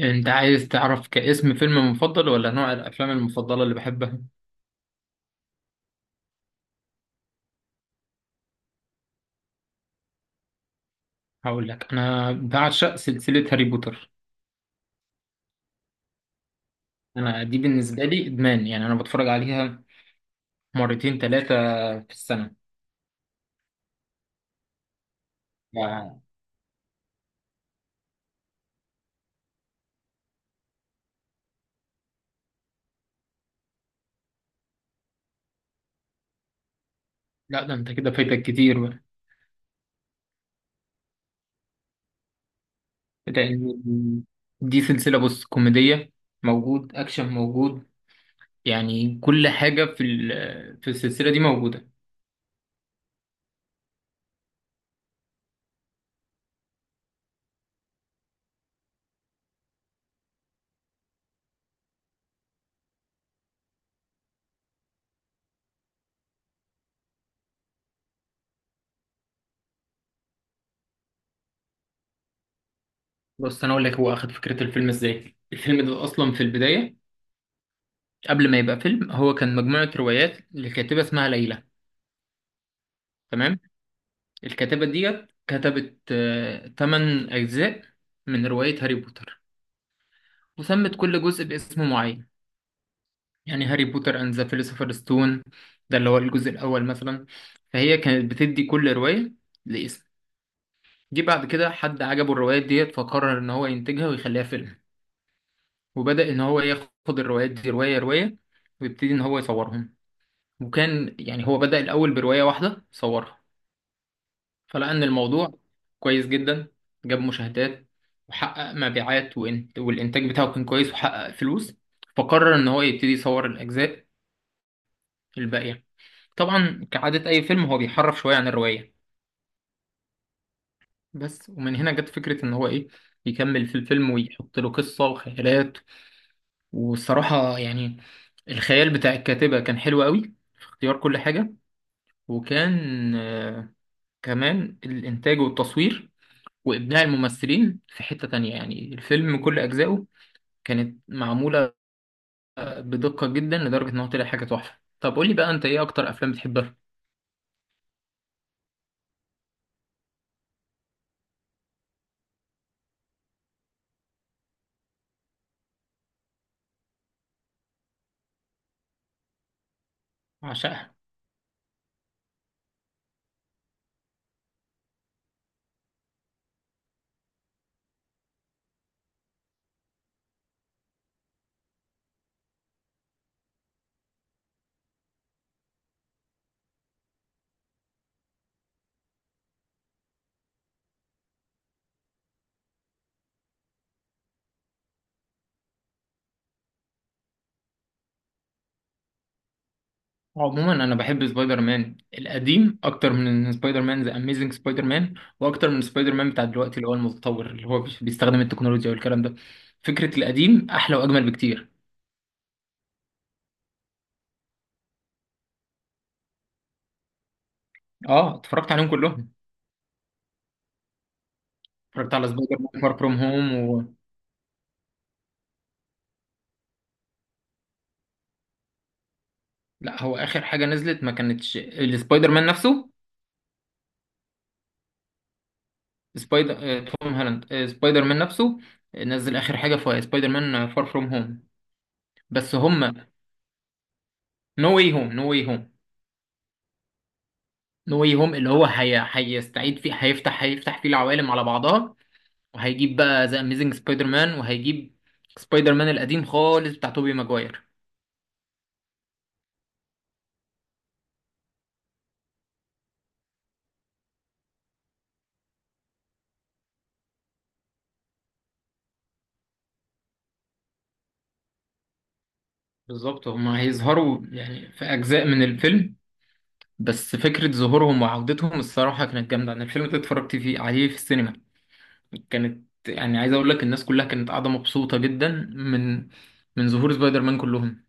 انت عايز تعرف كاسم فيلم مفضل ولا نوع الافلام المفضله اللي بحبها؟ هقول لك انا بعشق سلسله هاري بوتر. انا دي بالنسبه لي ادمان، يعني انا بتفرج عليها مرتين ثلاثه في السنه. لا، لا، ده انت كده فايتك كتير بقى. لان دي سلسله، بص، كوميديه، موجود اكشن موجود، يعني كل حاجه في السلسله دي موجوده. بص، انا اقول لك هو اخد فكره الفيلم ازاي. الفيلم ده اصلا في البدايه، قبل ما يبقى فيلم، هو كان مجموعه روايات لكاتبه اسمها ليلى. تمام. الكاتبة ديت كتبت تمن أجزاء من رواية هاري بوتر، وسمت كل جزء باسم معين. يعني هاري بوتر أند ذا فيلوسوفر ستون ده اللي هو الجزء الأول مثلا. فهي كانت بتدي كل رواية لاسم. جه بعد كده حد عجبه الروايات ديت فقرر إن هو ينتجها ويخليها فيلم، وبدأ إن هو ياخد الروايات دي رواية رواية ويبتدي إن هو يصورهم. وكان يعني هو بدأ الأول برواية واحدة صورها، فلقى ان الموضوع كويس جدا، جاب مشاهدات وحقق مبيعات والانتاج بتاعه كان كويس وحقق فلوس، فقرر ان هو يبتدي يصور الاجزاء الباقيه. طبعا كعاده اي فيلم هو بيحرف شويه عن الروايه، بس ومن هنا جت فكره ان هو ايه، يكمل في الفيلم ويحط له قصه وخيالات. والصراحه يعني الخيال بتاع الكاتبه كان حلو قوي في اختيار كل حاجه. وكان كمان الانتاج والتصوير وإبداع الممثلين في حتة تانية. يعني الفيلم كل أجزائه كانت معمولة بدقة جدا لدرجة إن هو طلع حاجة تحفة. طب قولي بقى، أنت إيه أكتر أفلام بتحبها؟ عشقها. عموما أنا بحب سبايدر مان القديم أكتر من سبايدر مان ذا أميزنج سبايدر مان، وأكتر من سبايدر مان بتاع دلوقتي اللي هو المتطور اللي هو بيستخدم التكنولوجيا والكلام ده. فكرة القديم أحلى وأجمل بكتير. أه، اتفرجت عليهم كلهم. اتفرجت على سبايدر مان فار فروم هوم. لا، هو آخر حاجة نزلت ما كانتش السبايدر مان نفسه. سبايدر آه، توم هالاند، سبايدر مان نفسه، نزل اخر حاجه في سبايدر مان فار فروم هوم، بس هم نو واي هوم. نو واي هوم. نو واي هوم اللي هو هيستعيد فيه، هيفتح فيه العوالم على بعضها، وهيجيب بقى ذا اميزنج سبايدر مان وهيجيب سبايدر مان القديم خالص بتاع توبي ماجواير. بالظبط، هم هيظهروا يعني في اجزاء من الفيلم، بس فكره ظهورهم وعودتهم الصراحه كانت جامده. انا الفيلم ده اتفرجت فيه عليه في السينما، كانت يعني، عايز اقول لك، الناس كلها كانت قاعده مبسوطه جدا من من ظهور سبايدر مان كلهم.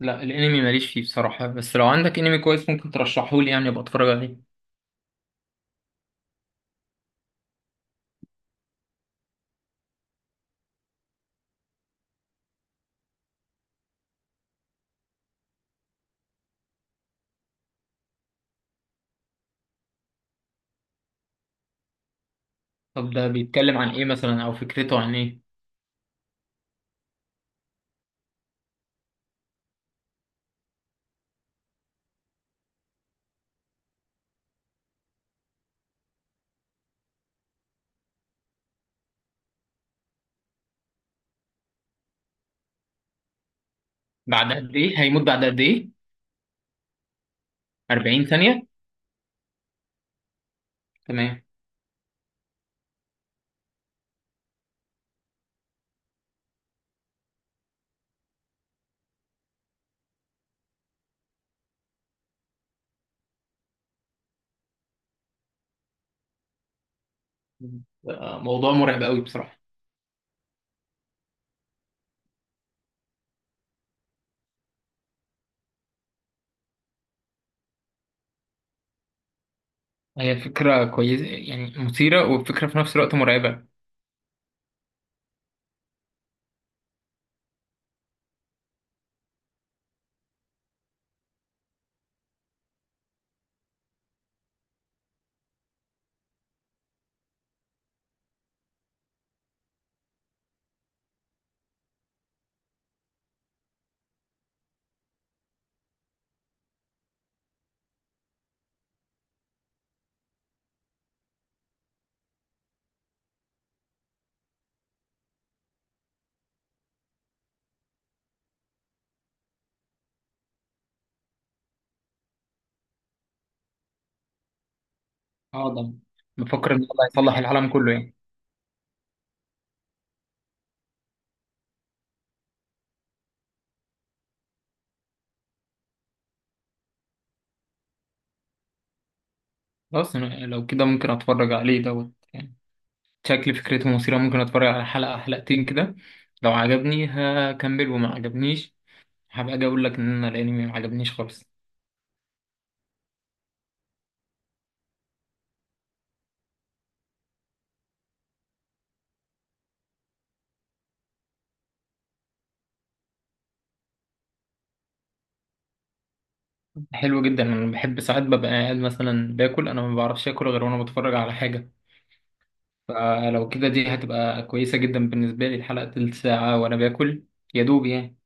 لا، الانمي ماليش فيه بصراحه، بس لو عندك انمي كويس ممكن ترشحه لي يعني ابقى اتفرج عليه. طب ده بيتكلم عن ايه مثلا، او فكرته عن ايه؟ بعد قد ايه هيموت؟ بعد قد ايه؟ 40 ثانيه. تمام. موضوع مرعب قوي بصراحه. هي فكره كويسه يعني، مثيره، وفكره في نفس الوقت مرعبه. اه، ده بفكر ان الله يصلح العالم كله يعني. خلاص، أنا لو كده ممكن اتفرج عليه دوت يعني. شكل فكرته مثيرة، ممكن اتفرج على حلقة حلقتين كده. لو عجبني هكمل، وما عجبنيش هبقى اجي اقول لك ان انا الانمي ما عجبنيش خالص. حلو جدا. انا بحب ساعات ببقى قاعد مثلا باكل، انا ما بعرفش اكل غير وانا بتفرج على حاجة. فلو كده دي هتبقى كويسة جدا بالنسبة لي، الحلقة تلت ساعة وانا باكل، يا دوب يعني.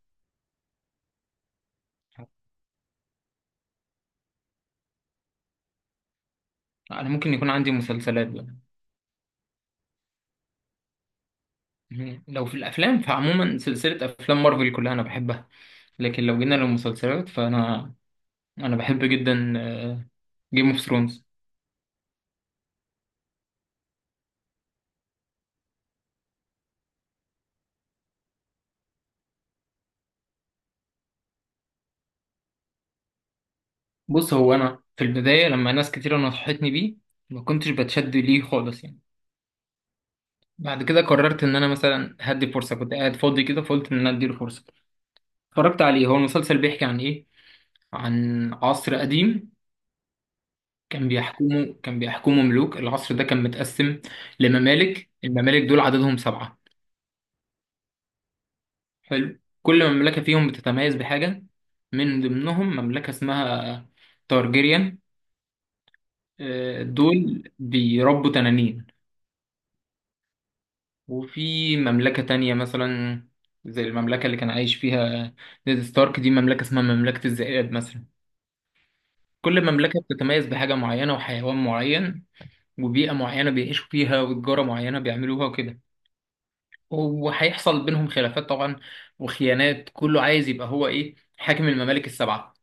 انا ممكن يكون عندي مسلسلات بقى. مم. لو في الافلام، فعموما سلسلة افلام مارفل كلها انا بحبها، لكن لو جينا للمسلسلات فانا بحب جدا جيم اوف ثرونز. بص، هو انا في البدايه لما ناس كتيره نصحتني بيه ما كنتش بتشد ليه خالص يعني. بعد كده قررت ان انا مثلا هدي فرصه، كنت قاعد فاضي كده فقلت ان انا اديله فرصه. اتفرجت عليه. هو المسلسل بيحكي عن ايه؟ عن عصر قديم كان بيحكمه ملوك. العصر ده كان متقسم لممالك، الممالك دول عددهم سبعه. حلو. كل مملكه فيهم بتتميز بحاجه. من ضمنهم مملكه اسمها تارجيريان، دول بيربوا تنانين. وفي مملكة تانية مثلا، زي المملكة اللي كان عايش فيها نيد ستارك، دي مملكة اسمها مملكة الذئاب مثلا. كل مملكة بتتميز بحاجة معينة وحيوان معين وبيئة معينة بيعيشوا فيها وتجارة معينة بيعملوها وكده. وهيحصل بينهم خلافات طبعا، وخيانات، كله عايز يبقى هو ايه حاكم الممالك السبعة.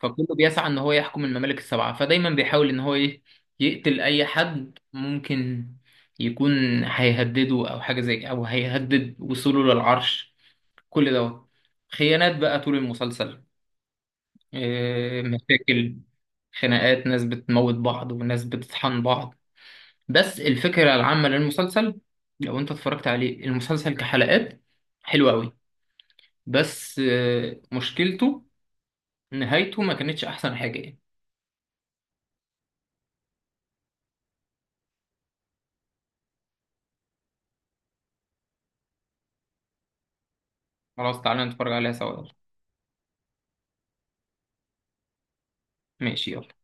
فكله بيسعى ان هو يحكم الممالك السبعة، فدايما بيحاول ان هو ايه، يقتل اي حد ممكن يكون هيهدده او حاجة، زي او هيهدد وصوله للعرش. كل دوت خيانات بقى طول المسلسل، إيه، مشاكل، خناقات، ناس بتموت بعض وناس بتطحن بعض. بس الفكرة العامة للمسلسل، لو انت اتفرجت عليه المسلسل كحلقات، حلو قوي. بس مشكلته نهايته ما كانتش احسن حاجة يعني. خلاص، تعالى نتفرج عليها سوا، يلا. ماشي، يلا